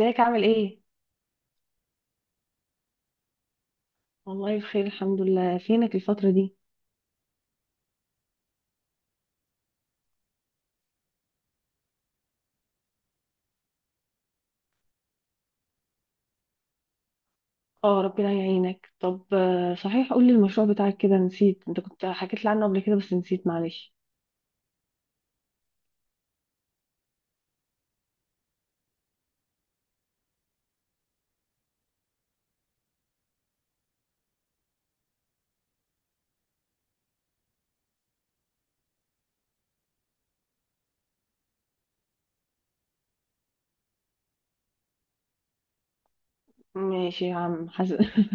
ازيك عامل ايه؟ والله بخير الحمد لله، فينك الفترة دي؟ اه، ربنا يعينك. طب صحيح، قولي المشروع بتاعك، كده نسيت. انت كنت حكيت لي عنه قبل كده بس نسيت، معلش. ماشي يا عم حسن.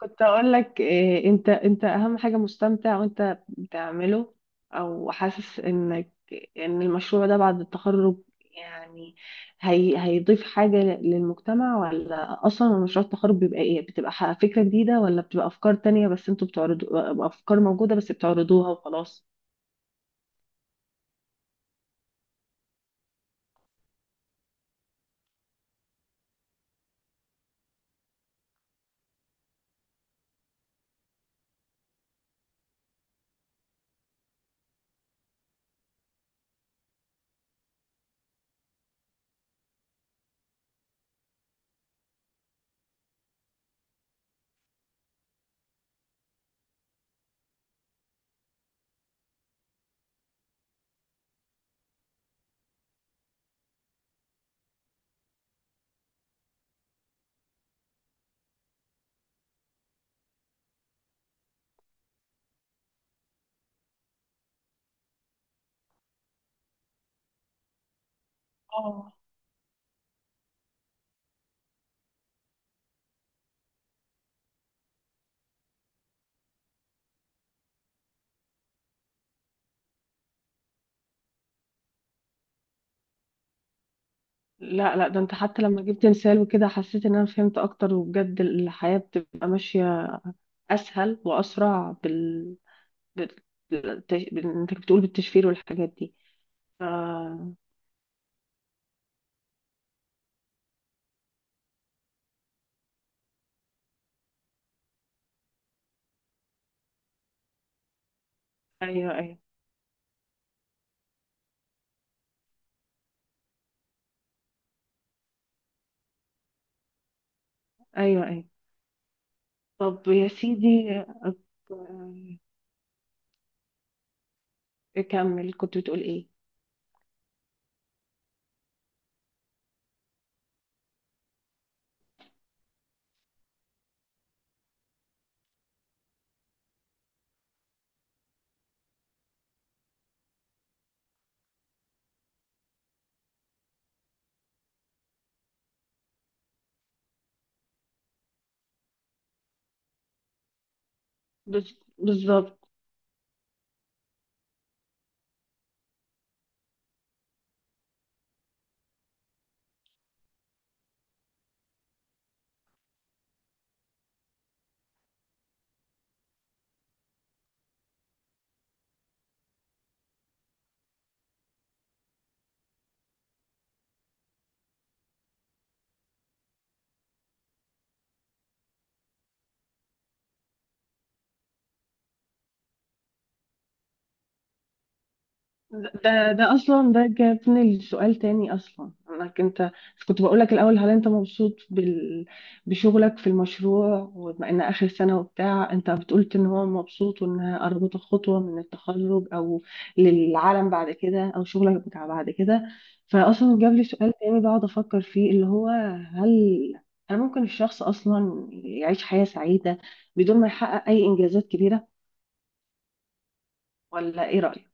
كنت اقول لك إيه، انت اهم حاجه مستمتع وانت بتعمله، او حاسس ان المشروع ده بعد التخرج يعني هيضيف حاجه للمجتمع، ولا اصلا مشروع التخرج بيبقى ايه، بتبقى فكره جديده ولا بتبقى افكار تانية بس انتوا بتعرضوا افكار موجوده بس بتعرضوها وخلاص؟ اه. لا، لا، ده انت حتى لما جبت مثال وكده حسيت ان انا فهمت اكتر، وبجد الحياه بتبقى ماشيه اسهل واسرع بت- انت كنت بتقول بالتشفير والحاجات دي. آه. ايوه، ايوه، ايوه، ايوه. طب يا سيدي، أك- اكمل، كنت بتقول ايه؟ بالظبط. ده اصلا ده جابني لسؤال تاني، اصلا انك انت كنت بقولك الاول، هل انت مبسوط بشغلك في المشروع؟ وبما ان اخر سنه وبتاع، انت بتقولت ان هو مبسوط وانها قربت خطوه من التخرج، او للعالم بعد كده، او شغلك بتاع بعد كده، فاصلا جاب لي سؤال تاني بقعد افكر فيه، اللي هو: هل هل ممكن الشخص اصلا يعيش حياه سعيده بدون ما يحقق اي انجازات كبيره؟ ولا ايه رايك؟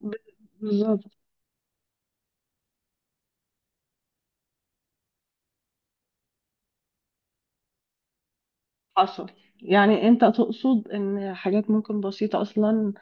ب- بالظبط. حصل. يعني انت تقصد ان حاجات ممكن بسيطة اصلا،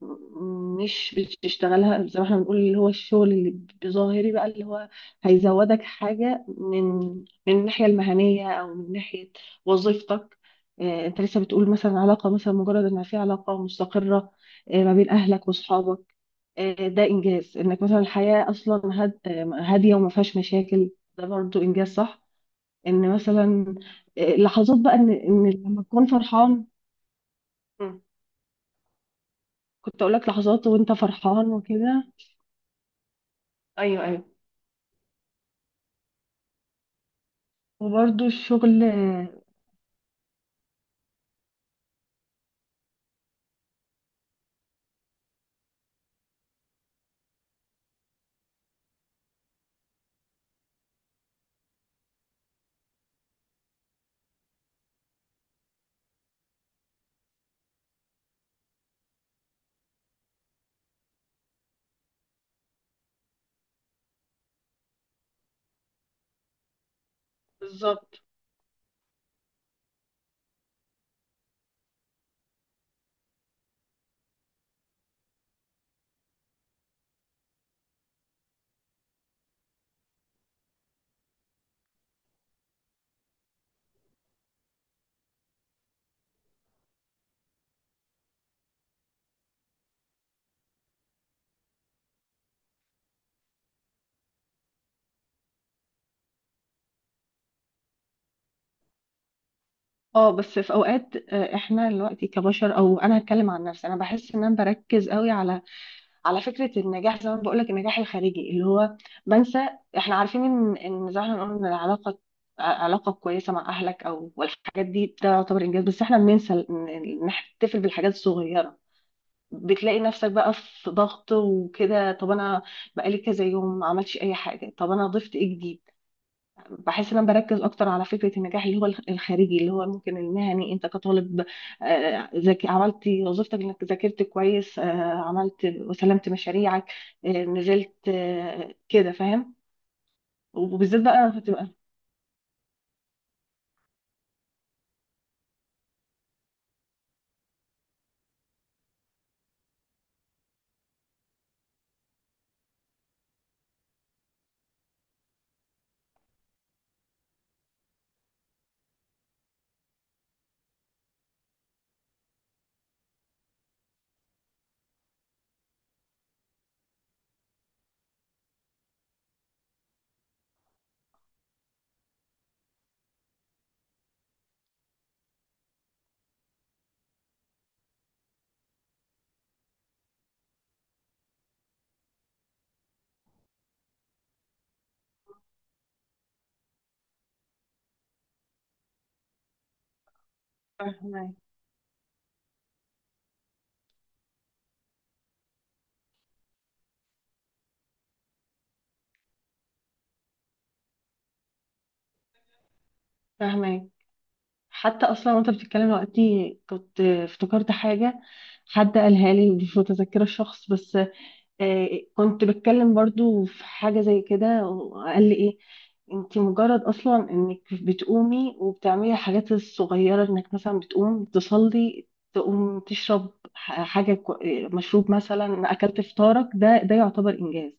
مش بتشتغلها زي ما احنا بنقول، اللي هو الشغل اللي بظاهري بقى، اللي هو هيزودك حاجة من الناحية المهنية، او من ناحية وظيفتك. اه، انت لسه بتقول مثلا علاقة، مثلا مجرد ان في علاقة مستقرة، اه، ما بين اهلك واصحابك، اه، ده انجاز انك مثلا الحياة اصلا هادية وما فيهاش مشاكل، ده برضو انجاز صح؟ ان مثلا لحظات بقى ان لما تكون فرحان. مم. كنت اقول لك لحظات وانت فرحان وكده. ايوه، ايوه. وبرده الشغل. بالظبط. اه بس في اوقات، احنا دلوقتي كبشر، او انا هتكلم عن نفسي، انا بحس ان انا بركز قوي على فكره النجاح. زي ما بقول لك النجاح الخارجي اللي هو بنسى. احنا عارفين ان زي ما احنا بنقول ان العلاقه، علاقه كويسه مع اهلك والحاجات دي، ده يعتبر انجاز. بس احنا بننسى إن نحتفل بالحاجات الصغيره. بتلاقي نفسك بقى في ضغط وكده، طب انا بقالي كذا يوم ما عملتش اي حاجه، طب انا ضفت ايه جديد؟ بحس ان انا بركز اكتر على فكره النجاح اللي هو الخارجي، اللي هو ممكن المهني، انت كطالب ذاك عملت وظيفتك انك ذاكرت كويس، عملت وسلمت مشاريعك، نزلت، كده فاهم. وبالذات بقى بتبقى. فاهمه، فاهمه. حتى اصلا وانت بتتكلم دلوقتي كنت افتكرت حاجه، حد قالها لي، مش متذكره الشخص بس، آه، كنت بتكلم برضو في حاجه زي كده وقال لي ايه: انت مجرد اصلا انك بتقومي وبتعملي الحاجات الصغيره، انك مثلا بتقوم تصلي، تقوم تشرب مشروب مثلا، اكلت فطارك، ده يعتبر انجاز.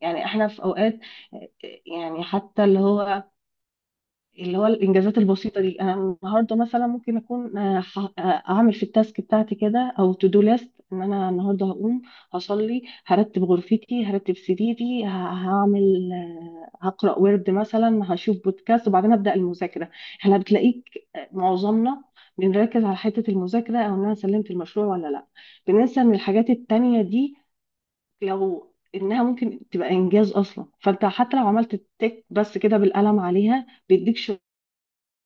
يعني احنا في اوقات آه، يعني حتى اللي هو الانجازات البسيطه دي. انا النهارده مثلا ممكن اكون اعمل في التاسك بتاعتي كده، او تو دو ليست، ان انا النهارده هقوم هصلي، هرتب غرفتي، هرتب سريري، هعمل هقرا ورد مثلا، هشوف بودكاست وبعدين ابدا المذاكره. احنا بتلاقيك معظمنا بنركز على حته المذاكره، او ان انا سلمت المشروع ولا لا. بننسى ان الحاجات التانيه دي لو انها ممكن تبقى انجاز اصلا، فانت حتى لو عملت التك بس كده بالقلم عليها، بيديك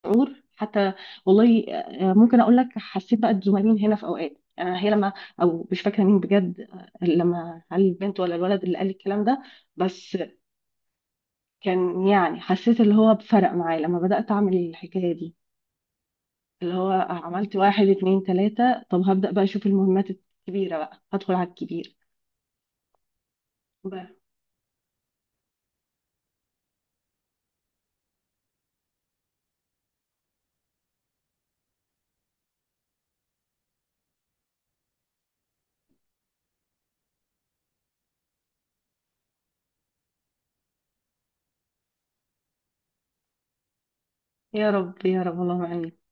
شعور حتى. والله ممكن اقول لك حسيت بقى بزملائين هنا في اوقات، هي لما، او مش فاكره مين بجد، لما هل البنت ولا الولد اللي قال الكلام ده، بس كان يعني حسيت اللي هو بفرق معايا لما بدات اعمل الحكايه دي، اللي هو عملت واحد، اتنين، تلاته، طب هبدا بقى اشوف المهمات الكبيره، بقى هدخل على الكبير بقى. يا رب، يا رب، اللهم امين.